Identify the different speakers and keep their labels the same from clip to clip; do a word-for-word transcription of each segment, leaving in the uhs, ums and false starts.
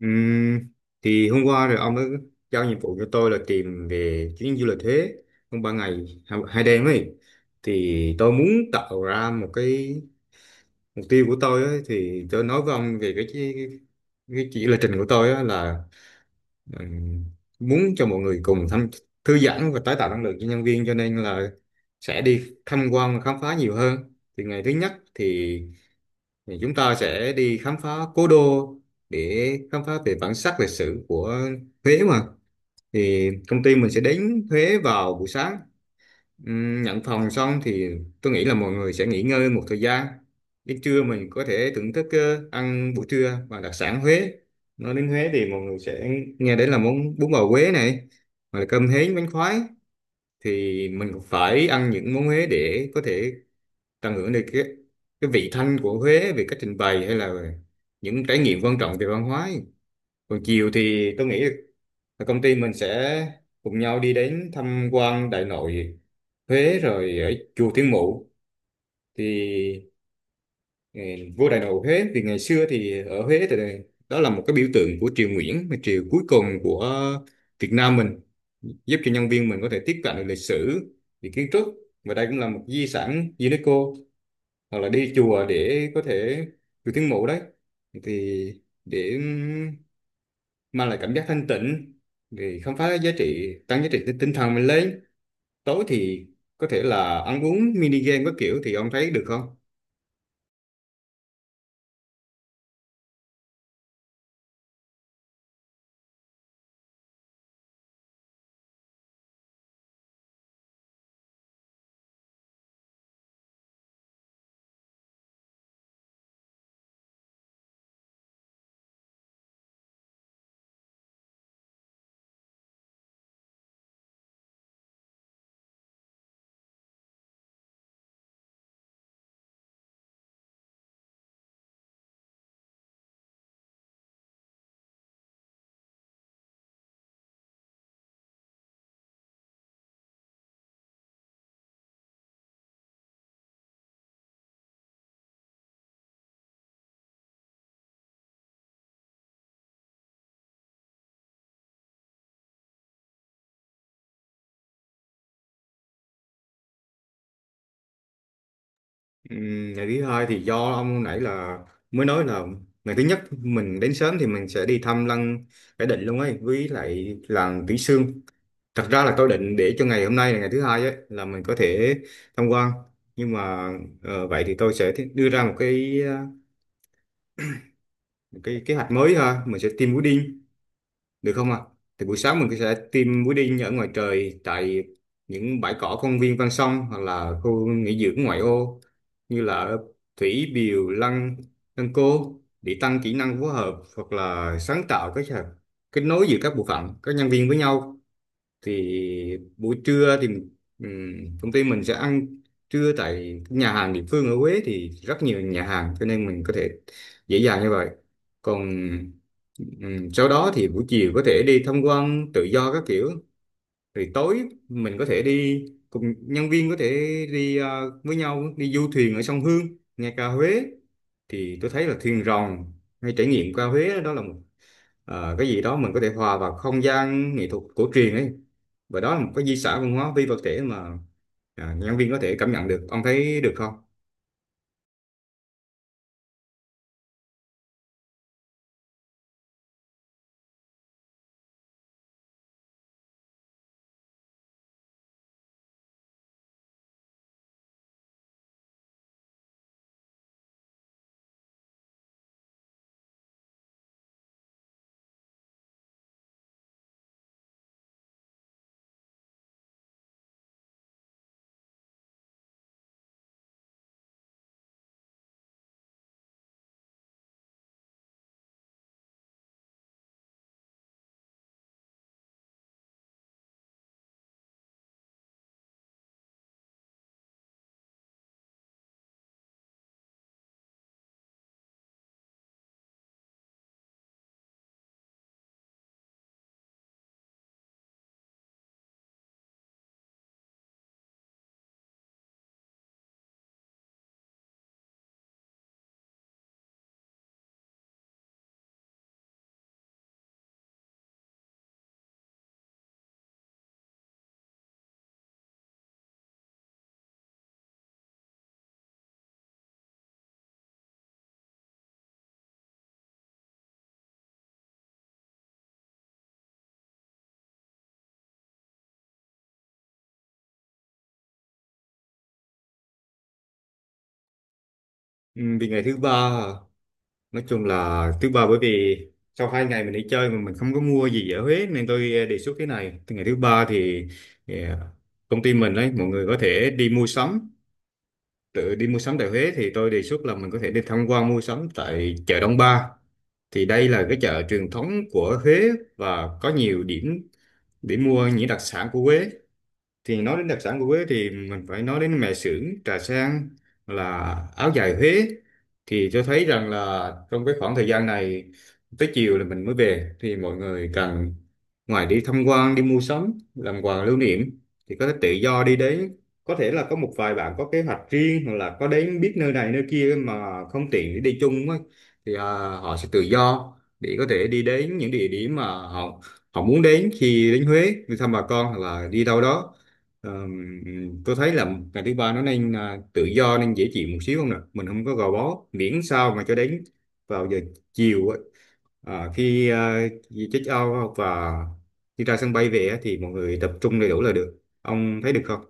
Speaker 1: Ừm, thì hôm qua rồi ông ấy giao nhiệm vụ cho tôi là tìm về chuyến du lịch Huế trong ba ngày hai hai đêm ấy, thì tôi muốn tạo ra một cái mục tiêu của tôi ấy, thì tôi nói với ông về cái cái, cái chỉ là trình của tôi á là ừm, muốn cho mọi người cùng thăm, thư giãn và tái tạo năng lượng cho nhân viên, cho nên là sẽ đi tham quan và khám phá nhiều hơn. Thì ngày thứ nhất thì thì chúng ta sẽ đi khám phá cố đô, để khám phá về bản sắc lịch sử của Huế mà. Thì công ty mình sẽ đến Huế vào buổi sáng. Ừm, nhận phòng xong thì tôi nghĩ là mọi người sẽ nghỉ ngơi một thời gian. Đến trưa mình có thể thưởng thức ờ, ăn buổi trưa và đặc sản Huế. Nói đến Huế thì mọi người sẽ nghe đến là món bún bò Huế này, hoặc là cơm hến, bánh khoái. Thì mình cũng phải ăn những món Huế để có thể tận hưởng được cái cái vị thanh của Huế, về cách trình bày hay là những trải nghiệm quan trọng về văn hóa ấy. Còn chiều thì tôi nghĩ là công ty mình sẽ cùng nhau đi đến tham quan Đại Nội Huế rồi ở chùa Thiên Mụ. Thì ừ, vua Đại Nội Huế thì ngày xưa thì ở Huế thì đó là một cái biểu tượng của triều Nguyễn, mà triều cuối cùng của Việt Nam mình, giúp cho nhân viên mình có thể tiếp cận được lịch sử về kiến trúc, và đây cũng là một di sản UNESCO. Hoặc là đi chùa để có thể được tiếng mộ đấy, thì để mang lại cảm giác thanh tịnh, để khám phá giá trị, tăng giá trị tinh tinh thần mình lên. Tối thì có thể là ăn uống, mini game các kiểu, thì ông thấy được không? Ừm, ngày thứ hai thì do ông hồi nãy là mới nói là ngày thứ nhất mình đến sớm thì mình sẽ đi thăm lăng Khải Định luôn ấy, với lại làng Kỹ Xương. Thật ra là tôi định để cho ngày hôm nay là ngày thứ hai ấy là mình có thể tham quan, nhưng mà ờ, vậy thì tôi sẽ thi- đưa ra một cái ờ, một cái kế hoạch mới ha. Mình sẽ tiêm mũi đinh được không ạ? Thì buổi sáng mình sẽ tiêm mũi đinh ở ngoài trời, tại những bãi cỏ công viên ven sông, hoặc là khu nghỉ dưỡng ngoại ô như là ở Thủy Biều, Lăng Lăng Cô, để tăng kỹ năng phối hợp hoặc là sáng tạo, cái kết nối giữa các bộ phận, các nhân viên với nhau. Thì buổi trưa thì ừm, công ty mình sẽ ăn trưa tại nhà hàng địa phương ở Huế, thì rất nhiều nhà hàng cho nên mình có thể dễ dàng như vậy. Còn ừm, sau đó thì buổi chiều có thể đi tham quan tự do các kiểu, rồi tối mình có thể đi cùng nhân viên, có thể đi ờ, với nhau đi du thuyền ở sông Hương nghe ca Huế. Thì tôi thấy là thuyền rồng hay trải nghiệm ca Huế đó là một ờ, cái gì đó mình có thể hòa vào không gian nghệ thuật cổ truyền ấy, và đó là một cái di sản văn hóa phi vật thể mà à, nhân viên có thể cảm nhận được. Ông thấy được không? ừ, Vì ngày thứ ba à, nói chung là thứ ba, bởi vì sau hai ngày mình đi chơi mà mình không có mua gì ở Huế, nên tôi ờ, đề xuất thế này. Từ ngày thứ ba thì, thì công ty mình đấy, mọi người có thể đi mua sắm, tự đi mua sắm tại Huế. Thì tôi đề xuất là mình có thể đi tham quan mua sắm tại chợ Đông Ba. Thì đây là cái chợ truyền thống của Huế, và có nhiều điểm để mua những đặc sản của Huế. Thì nói đến đặc sản của Huế thì mình phải nói đến mè xưởng, trà sen, là áo dài Huế. Thì tôi thấy rằng là trong cái khoảng thời gian này, tới chiều là mình mới về, thì mọi người cần, ngoài đi tham quan, đi mua sắm làm quà lưu niệm, thì có thể tự do đi đến. Có thể là có một vài bạn có kế hoạch riêng, hoặc là có đến biết nơi này nơi kia mà không tiện để đi chung á, thì à, họ sẽ tự do để có thể đi đến những địa điểm mà họ họ muốn đến, khi đến Huế đi thăm bà con hoặc là đi đâu đó. Ờm, tôi thấy là ngày thứ ba nó nên à, tự do, nên dễ chịu một xíu, không nè mình không có gò bó, miễn sao mà cho đến vào giờ chiều á, à, khi à, check out và đi ra sân bay về á, thì mọi người tập trung đầy đủ là được. Ông thấy được không?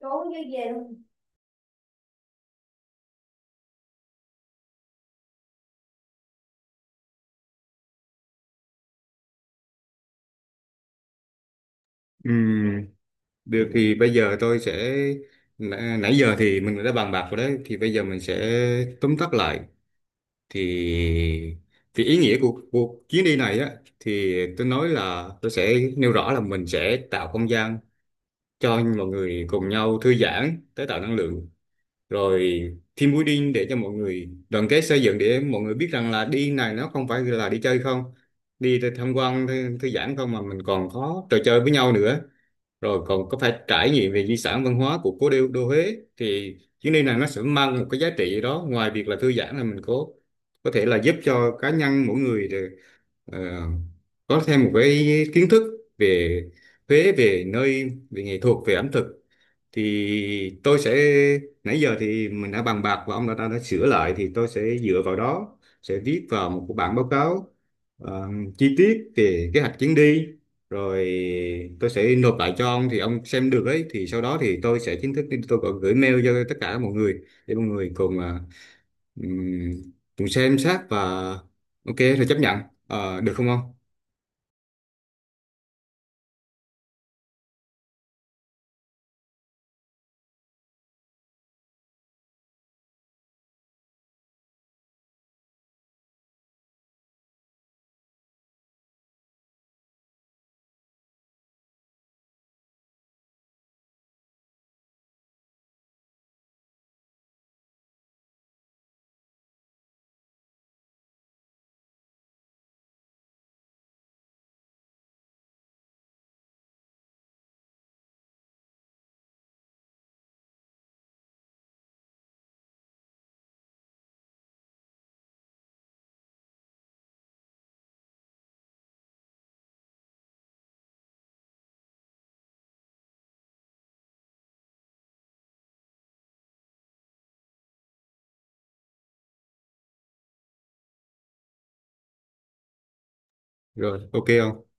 Speaker 1: Trốn chứ về luôn. Ừm, Được, thì bây giờ tôi sẽ, nãy nãy giờ thì mình đã bàn bạc rồi đấy, thì bây giờ mình sẽ tóm tắt lại. Thì thì ý nghĩa của cuộc chuyến đi này á, thì tôi nói là tôi sẽ nêu rõ là mình sẽ tạo không gian cho mọi người cùng nhau thư giãn, tái tạo năng lượng, rồi team building để cho mọi người đoàn kết xây dựng, để mọi người biết rằng là đi này nó không phải là đi chơi không, đi để tham quan thư, thư giãn không, mà mình còn có trò chơi với nhau nữa, rồi còn có phải trải nghiệm về di sản văn hóa của cố đô, đô Huế. Thì chuyến đi này nó sẽ mang một cái giá trị gì đó, ngoài việc là thư giãn là mình có có thể là giúp cho cá nhân mỗi người được, ờ, có thêm một cái kiến thức về Huế, về nơi, về nghệ thuật, về ẩm thực. Thì tôi sẽ, nãy giờ thì mình đã bàn bạc và ông đã, đã, đã sửa lại, thì tôi sẽ dựa vào đó sẽ viết vào một cái bản báo cáo ờ, chi tiết về kế hoạch chuyến đi, rồi tôi sẽ nộp lại cho ông thì ông xem được ấy. Thì sau đó thì tôi sẽ chính thức đi, tôi còn gửi mail cho tất cả mọi người để mọi người cùng ờ, ừm, cùng xem xét, và ok rồi chấp nhận. Ờ, được không ông? Rồi, ok không?